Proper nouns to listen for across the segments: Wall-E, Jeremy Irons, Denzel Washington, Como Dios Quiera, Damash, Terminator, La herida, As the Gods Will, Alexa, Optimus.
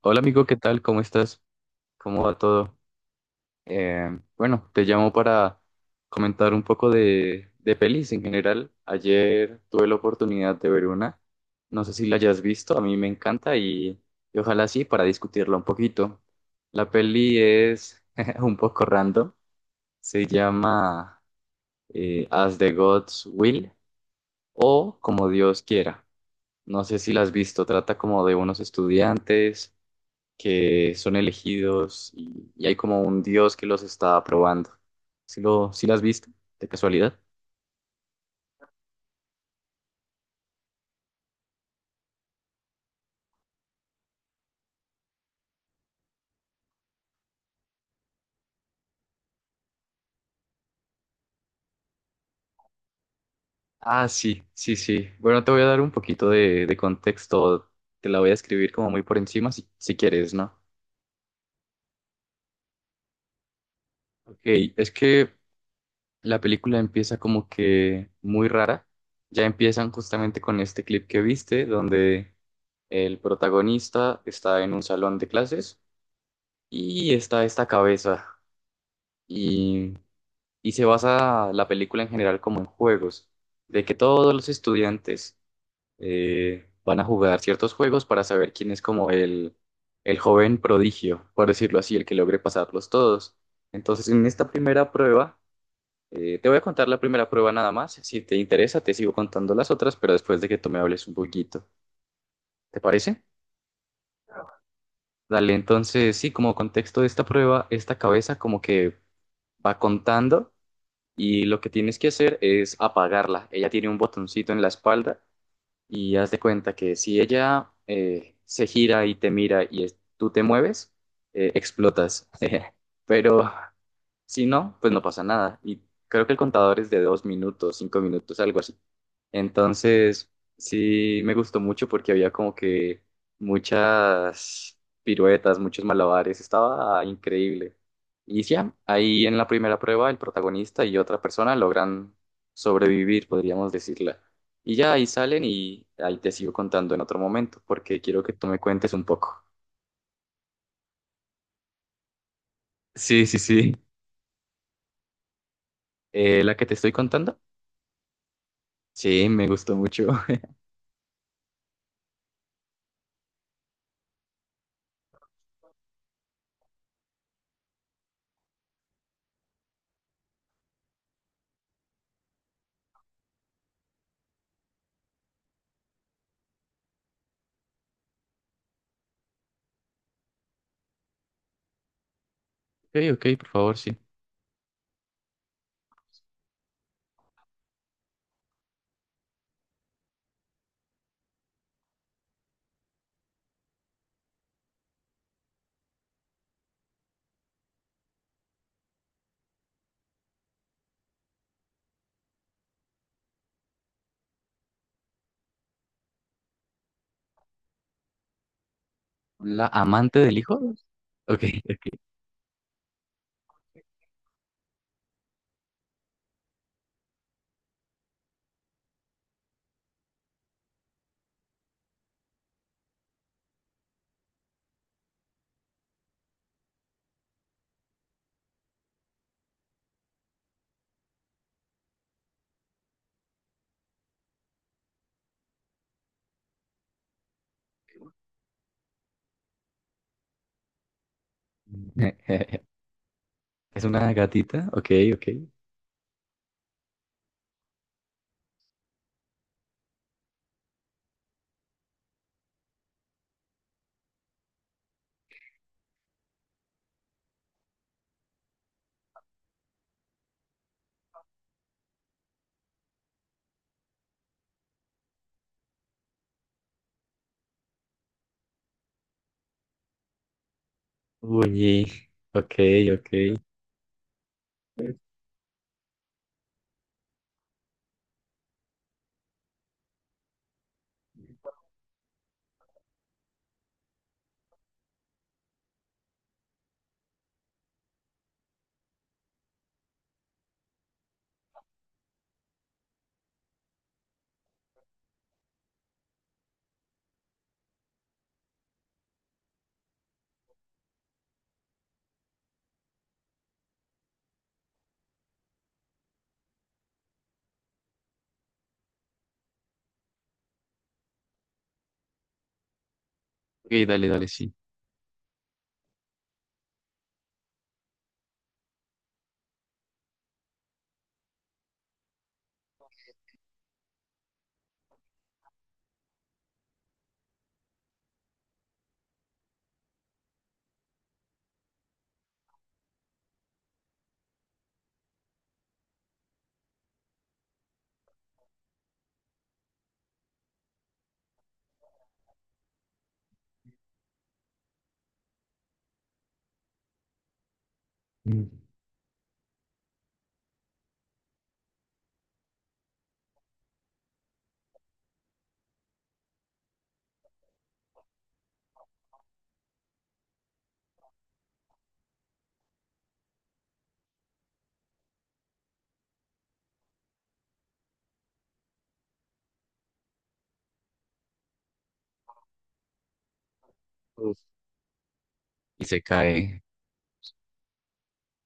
Hola amigo, ¿qué tal? ¿Cómo estás? ¿Cómo va todo? Eh, bueno, te llamo para comentar un poco de pelis en general. Ayer tuve la oportunidad de ver una, no sé si la hayas visto, a mí me encanta y ojalá sí para discutirla un poquito. La peli es un poco random, se llama As the Gods Will o Como Dios Quiera. No sé si la has visto, trata como de unos estudiantes que son elegidos y hay como un dios que los está probando. ¿Sí las has visto? ¿De casualidad? Ah, sí, sí, sí. Bueno, te voy a dar un poquito de contexto. Te la voy a escribir como muy por encima si quieres, ¿no? Ok, es que la película empieza como que muy rara. Ya empiezan justamente con este clip que viste, donde el protagonista está en un salón de clases y está esta cabeza. Y y se basa la película en general como en juegos, de que todos los estudiantes van a jugar ciertos juegos para saber quién es como el joven prodigio, por decirlo así, el que logre pasarlos todos. Entonces, en esta primera prueba, te voy a contar la primera prueba nada más. Si te interesa, te sigo contando las otras, pero después de que tú me hables un poquito. ¿Te parece? Dale, entonces, sí, como contexto de esta prueba, esta cabeza como que va contando y lo que tienes que hacer es apagarla. Ella tiene un botoncito en la espalda y haz de cuenta que si ella se gira y te mira y tú te mueves, explotas. Pero si no, pues no pasa nada. Y creo que el contador es de dos minutos, cinco minutos, algo así. Entonces, sí me gustó mucho porque había como que muchas piruetas, muchos malabares, estaba increíble. Y ya, ahí en la primera prueba el protagonista y otra persona logran sobrevivir, podríamos decirla. Y ya ahí salen y ahí te sigo contando en otro momento porque quiero que tú me cuentes un poco. Sí, sí, sí. ¿La que te estoy contando? Sí, me gustó mucho. Ok, ok, por favor, sí. ¿La amante del hijo? Ok, ok. ¿Es una gatita? Ok, ok. Uy, ok, ok. Ok, dale, dale, sí. Mm. Uf. Y se cae.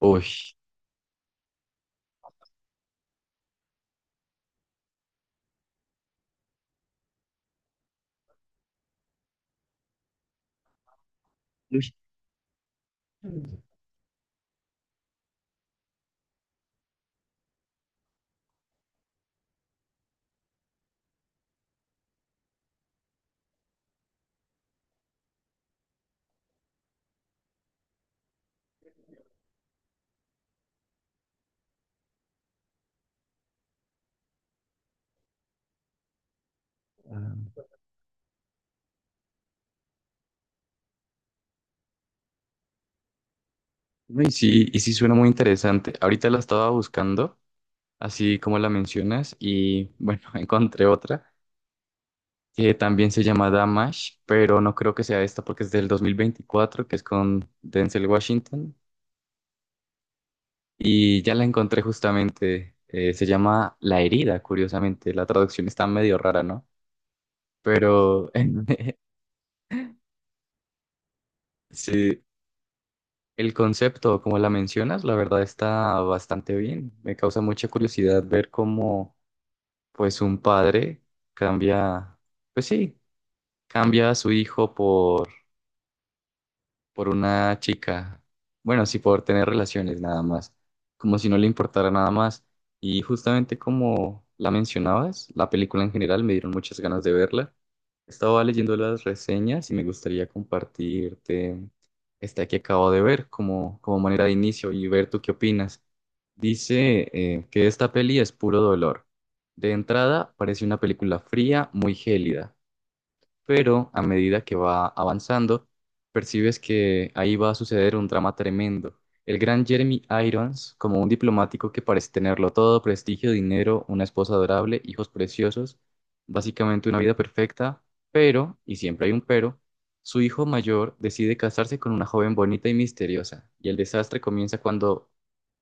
Uy. Uy. Ah, no. Y sí suena muy interesante. Ahorita la estaba buscando, así como la mencionas, y bueno, encontré otra que también se llama Damash, pero no creo que sea esta porque es del 2024, que es con Denzel Washington. Y ya la encontré justamente. Se llama La herida, curiosamente. La traducción está medio rara, ¿no? Pero sí, el concepto, como la mencionas, la verdad está bastante bien. Me causa mucha curiosidad ver cómo, pues, un padre cambia, pues sí, cambia a su hijo por una chica. Bueno, sí, por tener relaciones nada más, como si no le importara nada más. Y justamente como la mencionabas, la película en general me dieron muchas ganas de verla. Estaba leyendo las reseñas y me gustaría compartirte esta que acabo de ver como, como manera de inicio y ver tú qué opinas. Dice que esta peli es puro dolor. De entrada, parece una película fría, muy gélida, pero a medida que va avanzando, percibes que ahí va a suceder un drama tremendo. El gran Jeremy Irons, como un diplomático que parece tenerlo todo, prestigio, dinero, una esposa adorable, hijos preciosos, básicamente una vida perfecta, pero, y siempre hay un pero, su hijo mayor decide casarse con una joven bonita y misteriosa, y el desastre comienza cuando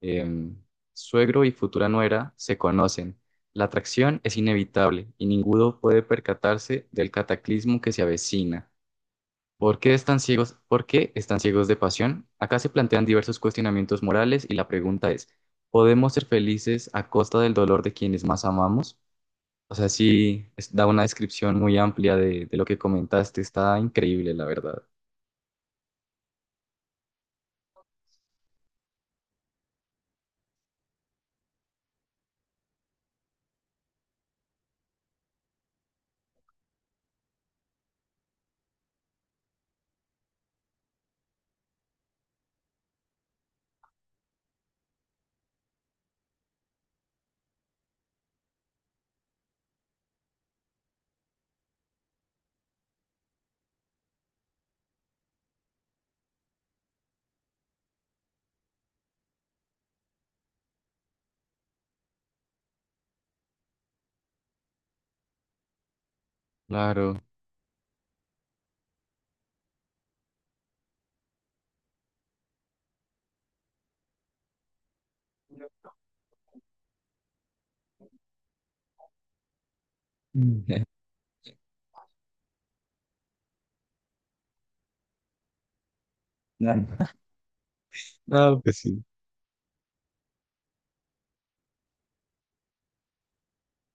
em, suegro y futura nuera se conocen. La atracción es inevitable y ninguno puede percatarse del cataclismo que se avecina. ¿Por qué están ciegos? ¿Por qué están ciegos de pasión? Acá se plantean diversos cuestionamientos morales y la pregunta es, ¿podemos ser felices a costa del dolor de quienes más amamos? O sea, sí, es- da una descripción muy amplia de lo que comentaste. Está increíble, la verdad. Claro. Mm. No, pues sí.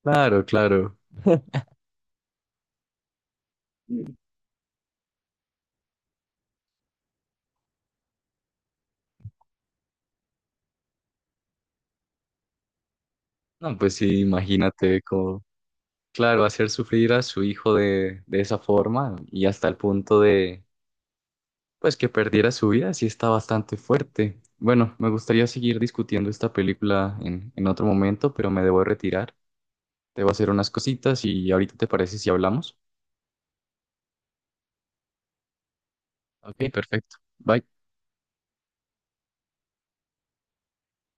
Claro, claro. No, pues sí, imagínate cómo. Claro, hacer sufrir a su hijo de esa forma y hasta el punto de, pues, que perdiera su vida, sí está bastante fuerte. Bueno, me gustaría seguir discutiendo esta película en otro momento, pero me debo retirar. Debo hacer unas cositas y ahorita te parece si hablamos. Ok, perfecto. Bye.